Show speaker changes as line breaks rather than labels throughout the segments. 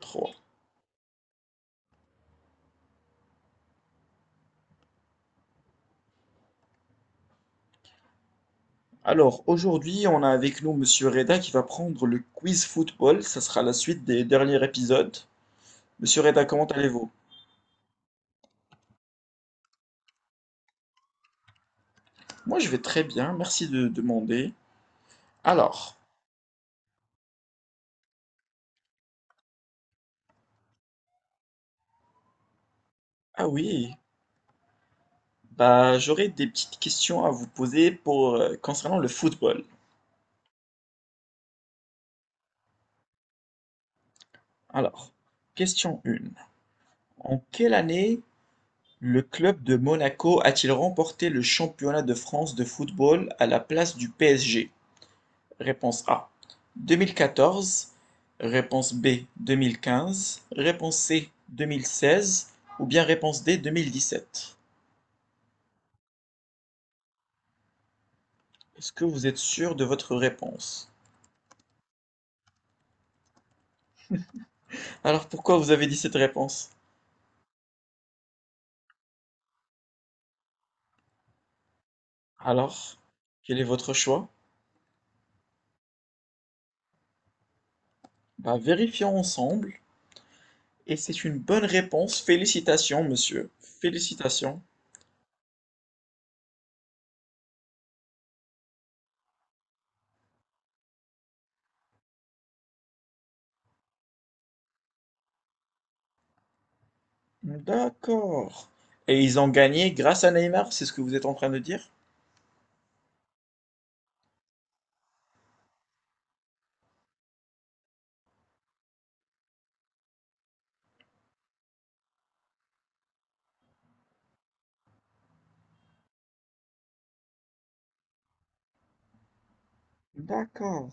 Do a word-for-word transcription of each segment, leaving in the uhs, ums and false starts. Trois. Alors aujourd'hui, on a avec nous Monsieur Reda qui va prendre le quiz football. Ça sera la suite des derniers épisodes. Monsieur Reda, comment allez-vous? Moi, je vais très bien. Merci de demander. Alors, ah oui, bah j'aurais des petites questions à vous poser pour euh, concernant le football. Alors, question un. En quelle année le club de Monaco a-t-il remporté le championnat de France de football à la place du P S G? Réponse A deux mille quatorze, réponse B deux mille quinze, réponse C deux mille seize ou bien réponse D deux mille dix-sept. Est-ce que vous êtes sûr de votre réponse? Alors pourquoi vous avez dit cette réponse? Alors, quel est votre choix? Bah vérifions ensemble et c'est une bonne réponse. Félicitations monsieur, félicitations. D'accord. Et ils ont gagné grâce à Neymar, c'est ce que vous êtes en train de dire? D'accord.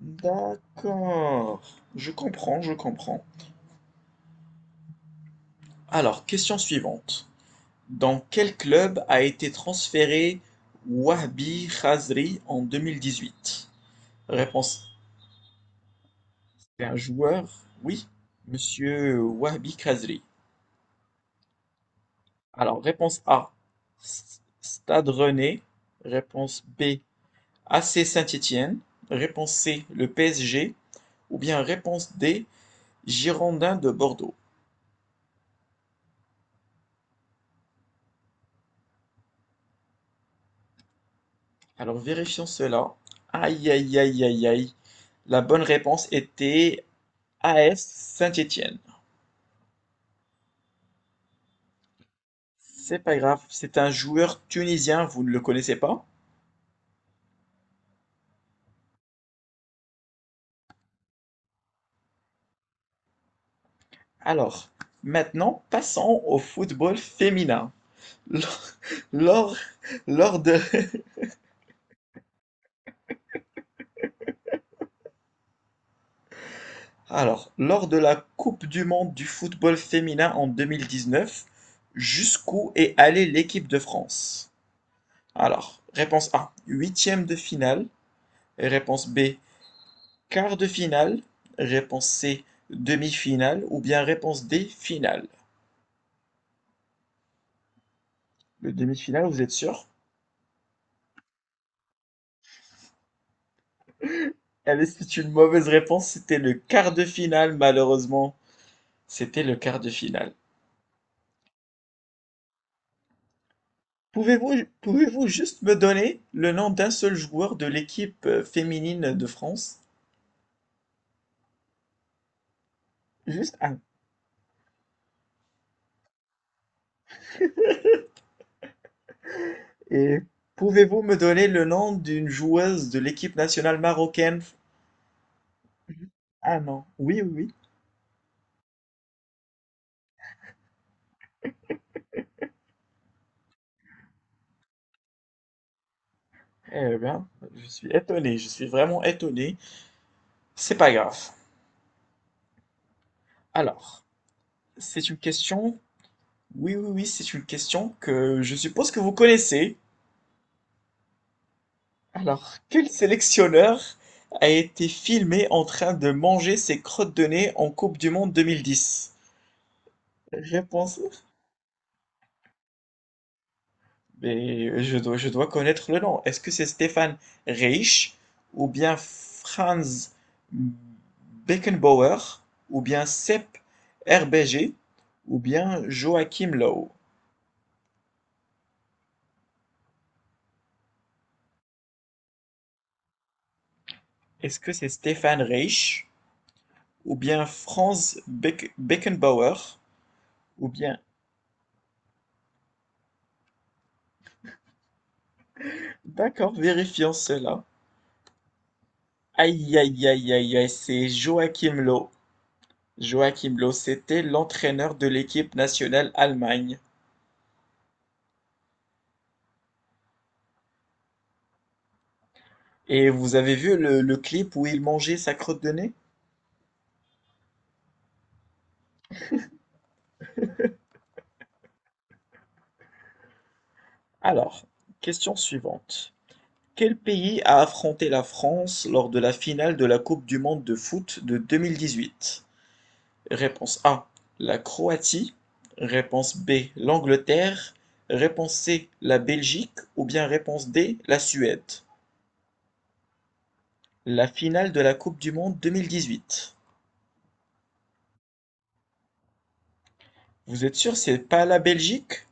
D'accord. Je comprends, je comprends. Alors, question suivante. Dans quel club a été transféré Wahbi Khazri en deux mille dix-huit? Réponse. C'est un joueur, oui, Monsieur Wahbi Khazri. Alors, réponse A, S- Stade Rennais. Réponse B, A C Saint-Étienne. Réponse C, le P S G. Ou bien réponse D, Girondins de Bordeaux. Alors vérifions cela. Aïe, aïe, aïe, aïe, aïe. La bonne réponse était A S Saint-Étienne. C'est pas grave, c'est un joueur tunisien, vous ne le connaissez pas. Alors, maintenant, passons au football féminin. Lors, lors, de, alors, Lors de la Coupe du monde du football féminin en deux mille dix-neuf, jusqu'où est allée l'équipe de France? Alors, réponse A, huitième de finale. Réponse B, quart de finale, réponse C, demi-finale, ou bien réponse D, finale. Le demi-finale, vous êtes sûr? Allez, c'est une mauvaise réponse, c'était le quart de finale, malheureusement. C'était le quart de finale. Pouvez-vous, pouvez-vous juste me donner le nom d'un seul joueur de l'équipe euh, féminine de France? Juste un. Et pouvez-vous me donner le nom d'une joueuse de l'équipe nationale marocaine? Ah non, oui, oui, oui. Eh bien, je suis étonné, je suis vraiment étonné. C'est pas grave. Alors. C'est une question, oui, oui, oui, c'est une question que je suppose que vous connaissez. Alors, quel sélectionneur a été filmé en train de manger ses crottes de nez en Coupe du Monde deux mille dix? Réponse. Mais je dois, je dois connaître le nom. Est-ce que c'est Stéphane Reich ou bien Franz Beckenbauer ou bien Sepp Herberger ou bien Joachim Löw? Est-ce que c'est Stéphane Reich, ou bien Franz Beck- Beckenbauer, ou bien... D'accord, vérifions cela. Aïe, aïe, aïe, aïe, aïe, c'est Joachim Löw. Joachim Löw, c'était l'entraîneur de l'équipe nationale Allemagne. Et vous avez vu le, le clip où il mangeait sa crotte de nez? Alors, question suivante. Quel pays a affronté la France lors de la finale de la Coupe du monde de foot de deux mille dix-huit? Réponse A, la Croatie. Réponse B, l'Angleterre. Réponse C, la Belgique. Ou bien réponse D, la Suède. La finale de la Coupe du Monde deux mille dix-huit. Vous êtes sûr, c'est pas la Belgique?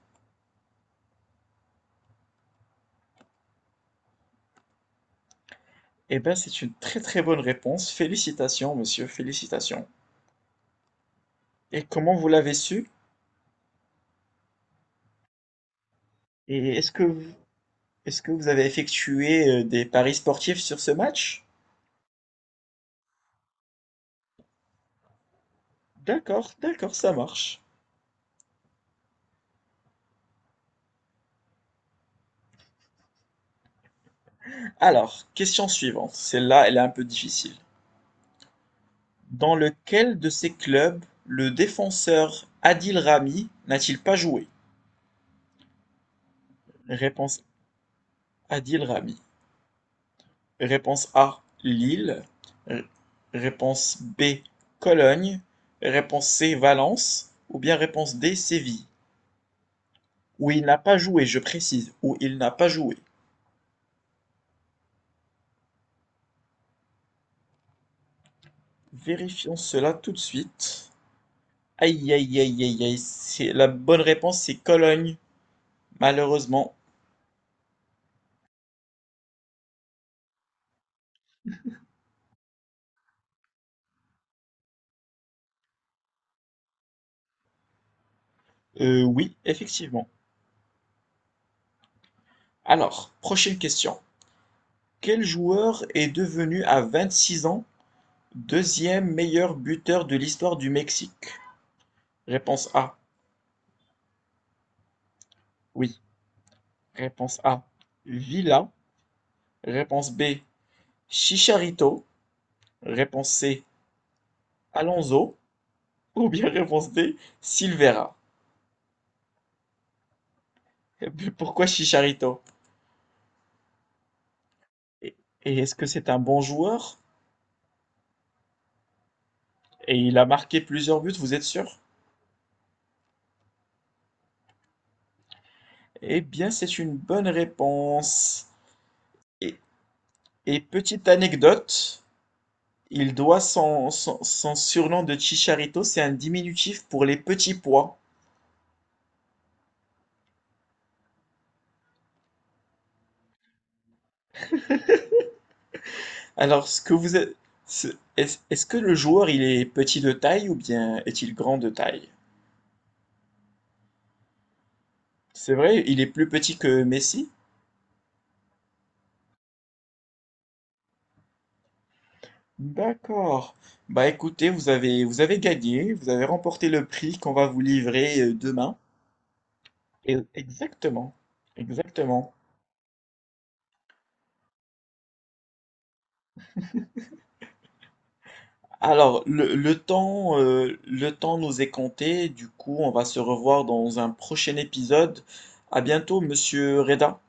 Eh bien, c'est une très très bonne réponse. Félicitations, monsieur, félicitations. Et comment vous l'avez su? Et est-ce que est-ce que vous avez effectué euh, des paris sportifs sur ce match? D'accord, d'accord, ça marche. Alors, question suivante. Celle-là, elle est un peu difficile. Dans lequel de ces clubs le défenseur Adil Rami n'a-t-il pas joué? Réponse Adil Rami. Réponse A, Lille. R- Réponse B, Cologne. Réponse C, Valence. Ou bien réponse D, Séville. Où il n'a pas joué, je précise. Où il n'a pas joué. Vérifions cela tout de suite. Aïe, aïe, aïe, aïe, aïe. C'est, la bonne réponse, c'est Cologne. Malheureusement. Euh, oui, effectivement. Alors, prochaine question. Quel joueur est devenu à vingt-six ans deuxième meilleur buteur de l'histoire du Mexique? Réponse A, oui. Réponse A, Villa. Réponse B, Chicharito. Réponse C, Alonso. Ou bien réponse D, Silvera. Et puis, pourquoi Chicharito? Et et est-ce que c'est un bon joueur? Et il a marqué plusieurs buts, vous êtes sûr? Eh bien, c'est une bonne réponse. Et, et petite anecdote, il doit son, son, son surnom de Chicharito, c'est un diminutif pour les petits pois. Alors, ce que vous êtes- ce- est-ce est-ce que le joueur, il est petit de taille ou bien est-il grand de taille? C'est vrai, il est plus petit que Messi? D'accord. Bah écoutez, vous avez, vous avez gagné, vous avez remporté le prix qu'on va vous livrer euh, demain. Et- Exactement, exactement. Alors, le, le temps, euh, le temps nous est compté, du coup, on va se revoir dans un prochain épisode. À bientôt, monsieur Reda.